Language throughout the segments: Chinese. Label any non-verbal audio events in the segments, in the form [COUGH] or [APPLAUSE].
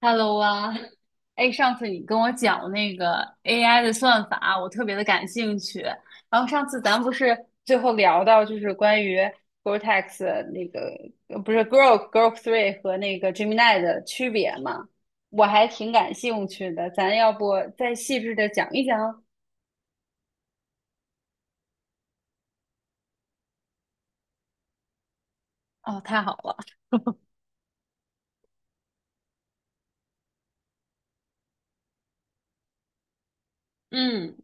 Hello 啊。哎，上次你跟我讲那个 AI 的算法，我特别的感兴趣。然后上次咱不是最后聊到就是关于 Gore-Tex 那个呃不是 Grok Three 和那个 Gemini 的区别吗？我还挺感兴趣的，咱要不再细致的讲一讲？哦，太好了。嗯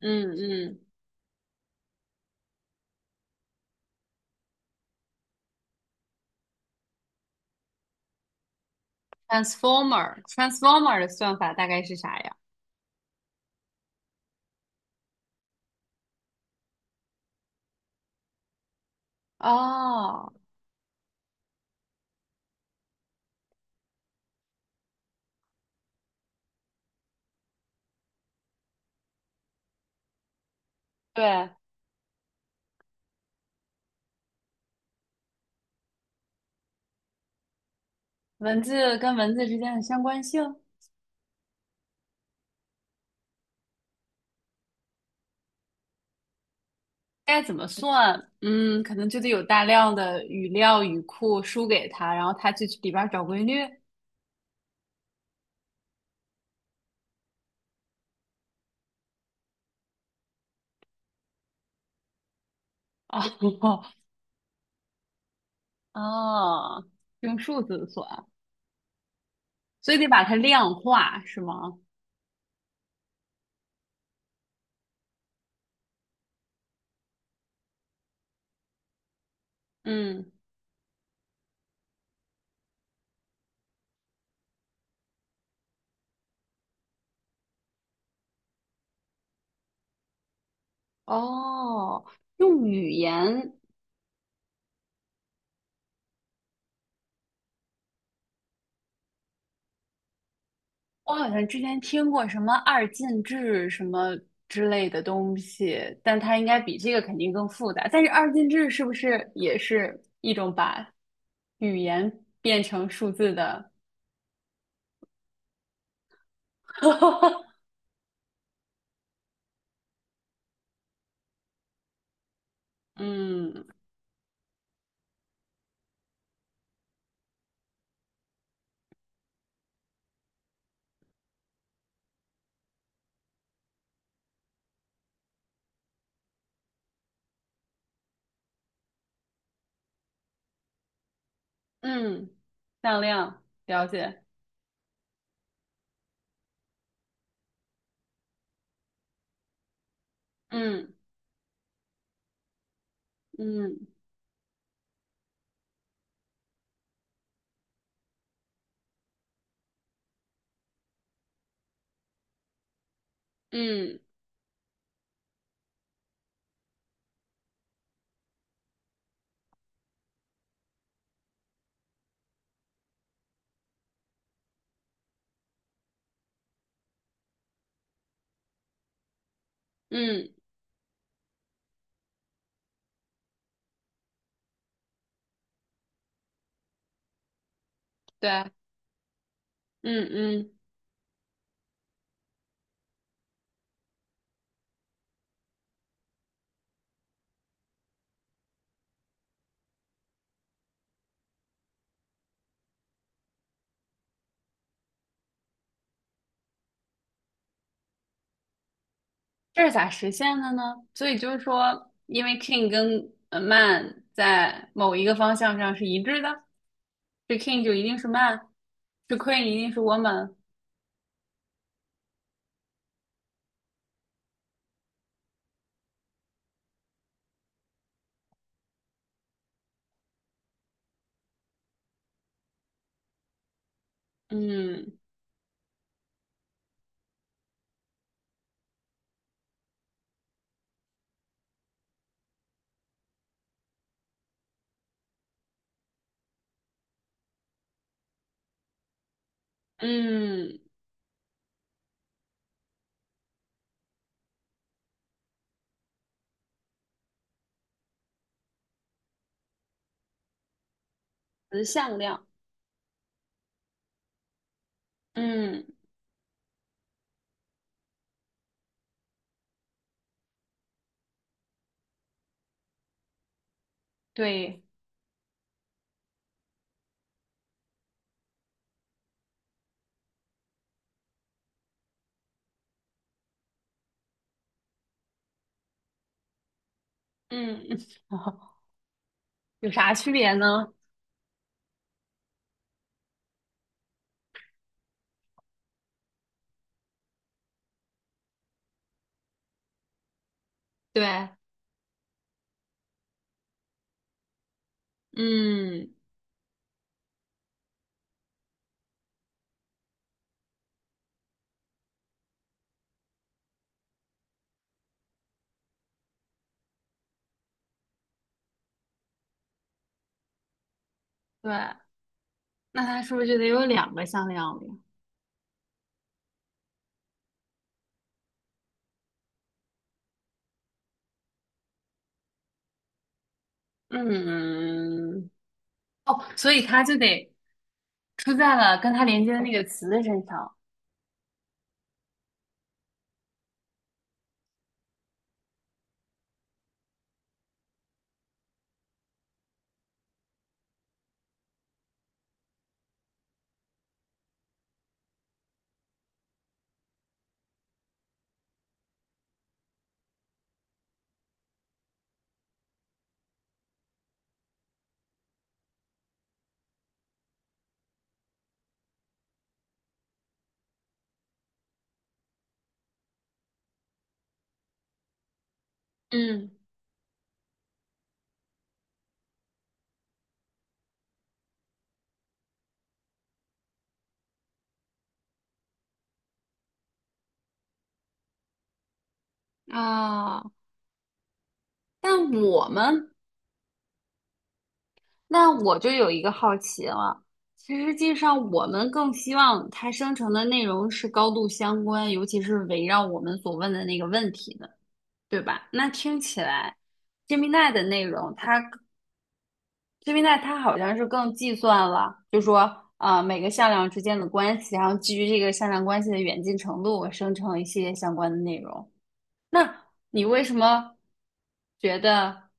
嗯嗯Transformer，Transformer 的算法大概是啥呀？哦，对，文字跟文字之间的相关性。该怎么算？嗯，可能就得有大量的语料语库输给他，然后他去里边儿找规律。哦 [LAUGHS] 哦，用数字算，所以得把它量化，是吗？嗯，哦，用语言，我好像之前听过什么二进制什么之类的东西，但它应该比这个肯定更复杂。但是二进制是不是也是一种把语言变成数字的？[LAUGHS] 嗯嗯，向量，了解。嗯嗯嗯嗯，对，嗯嗯，这是咋实现的呢？所以就是说，因为 king 跟man 在某一个方向上是一致的，是 king 就一定是 man,是 queen 一定是 woman。嗯嗯，词向量。嗯，对，嗯，[LAUGHS] 有啥区别呢？对，嗯，对。那他是不是就得有两个向量了呀？嗯哦，所以它就得出在了跟它连接的那个词的身上嗯啊。但我们，那我就有一个好奇了。其实际上，我们更希望它生成的内容是高度相关，尤其是围绕我们所问的那个问题的，对吧？那听起来，Gemini 的内容它 c i n e t 它好像是更计算了，就说每个向量之间的关系，然后基于这个向量关系的远近程度，我生成一些相关的内容。那你为什么觉得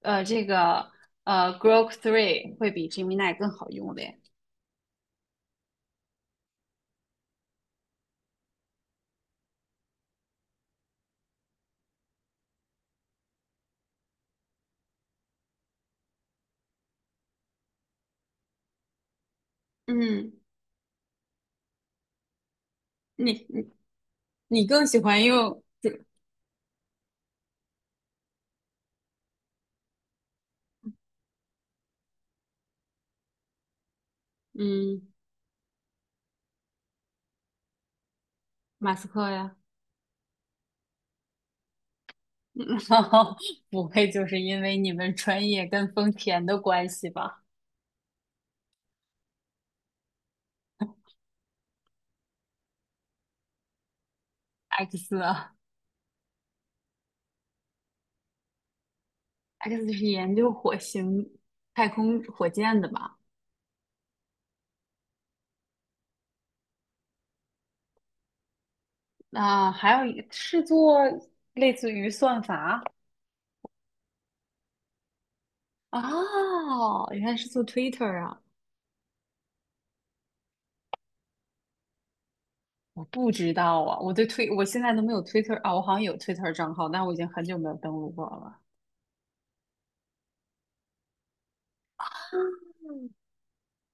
这个Grok Three 会比 Gemini 更好用嘞？嗯，你你更喜欢用嗯，马斯克呀，[LAUGHS] 不会就是因为你们专业跟丰田的关系吧？X 啊。X 是研究火星太空火箭的吧？那、还有一是做类似于算法哦，原来是做 Twitter 啊，我不知道啊，我对推我现在都没有 Twitter 啊，我好像有 Twitter 账号，但我已经很久没有登录过了。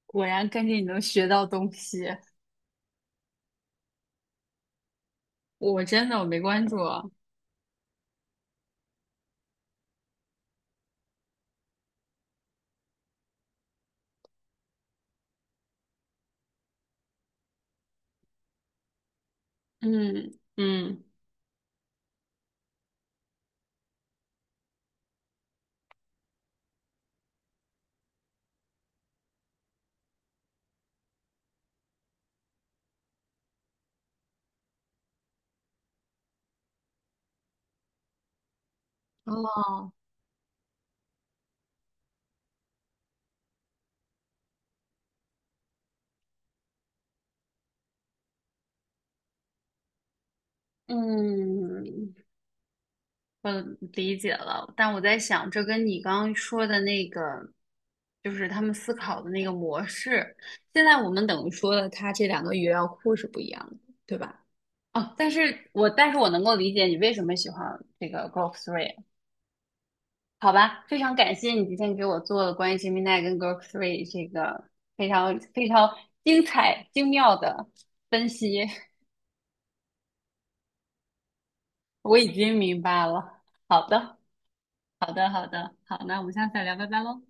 果然跟着你能学到东西，我真的我没关注啊。嗯嗯，哦，嗯，我理解了，但我在想，这跟你刚刚说的那个，就是他们思考的那个模式，现在我们等于说了，它这两个语料库是不一样的，对吧？哦，但是我能够理解你为什么喜欢这个 Grok Three,好吧？非常感谢你今天给我做了关于 Gemini 跟 Grok Three 这个非常非常精彩精妙的分析，我已经明白了。好的，好的，好，那我们下次再聊，拜拜喽。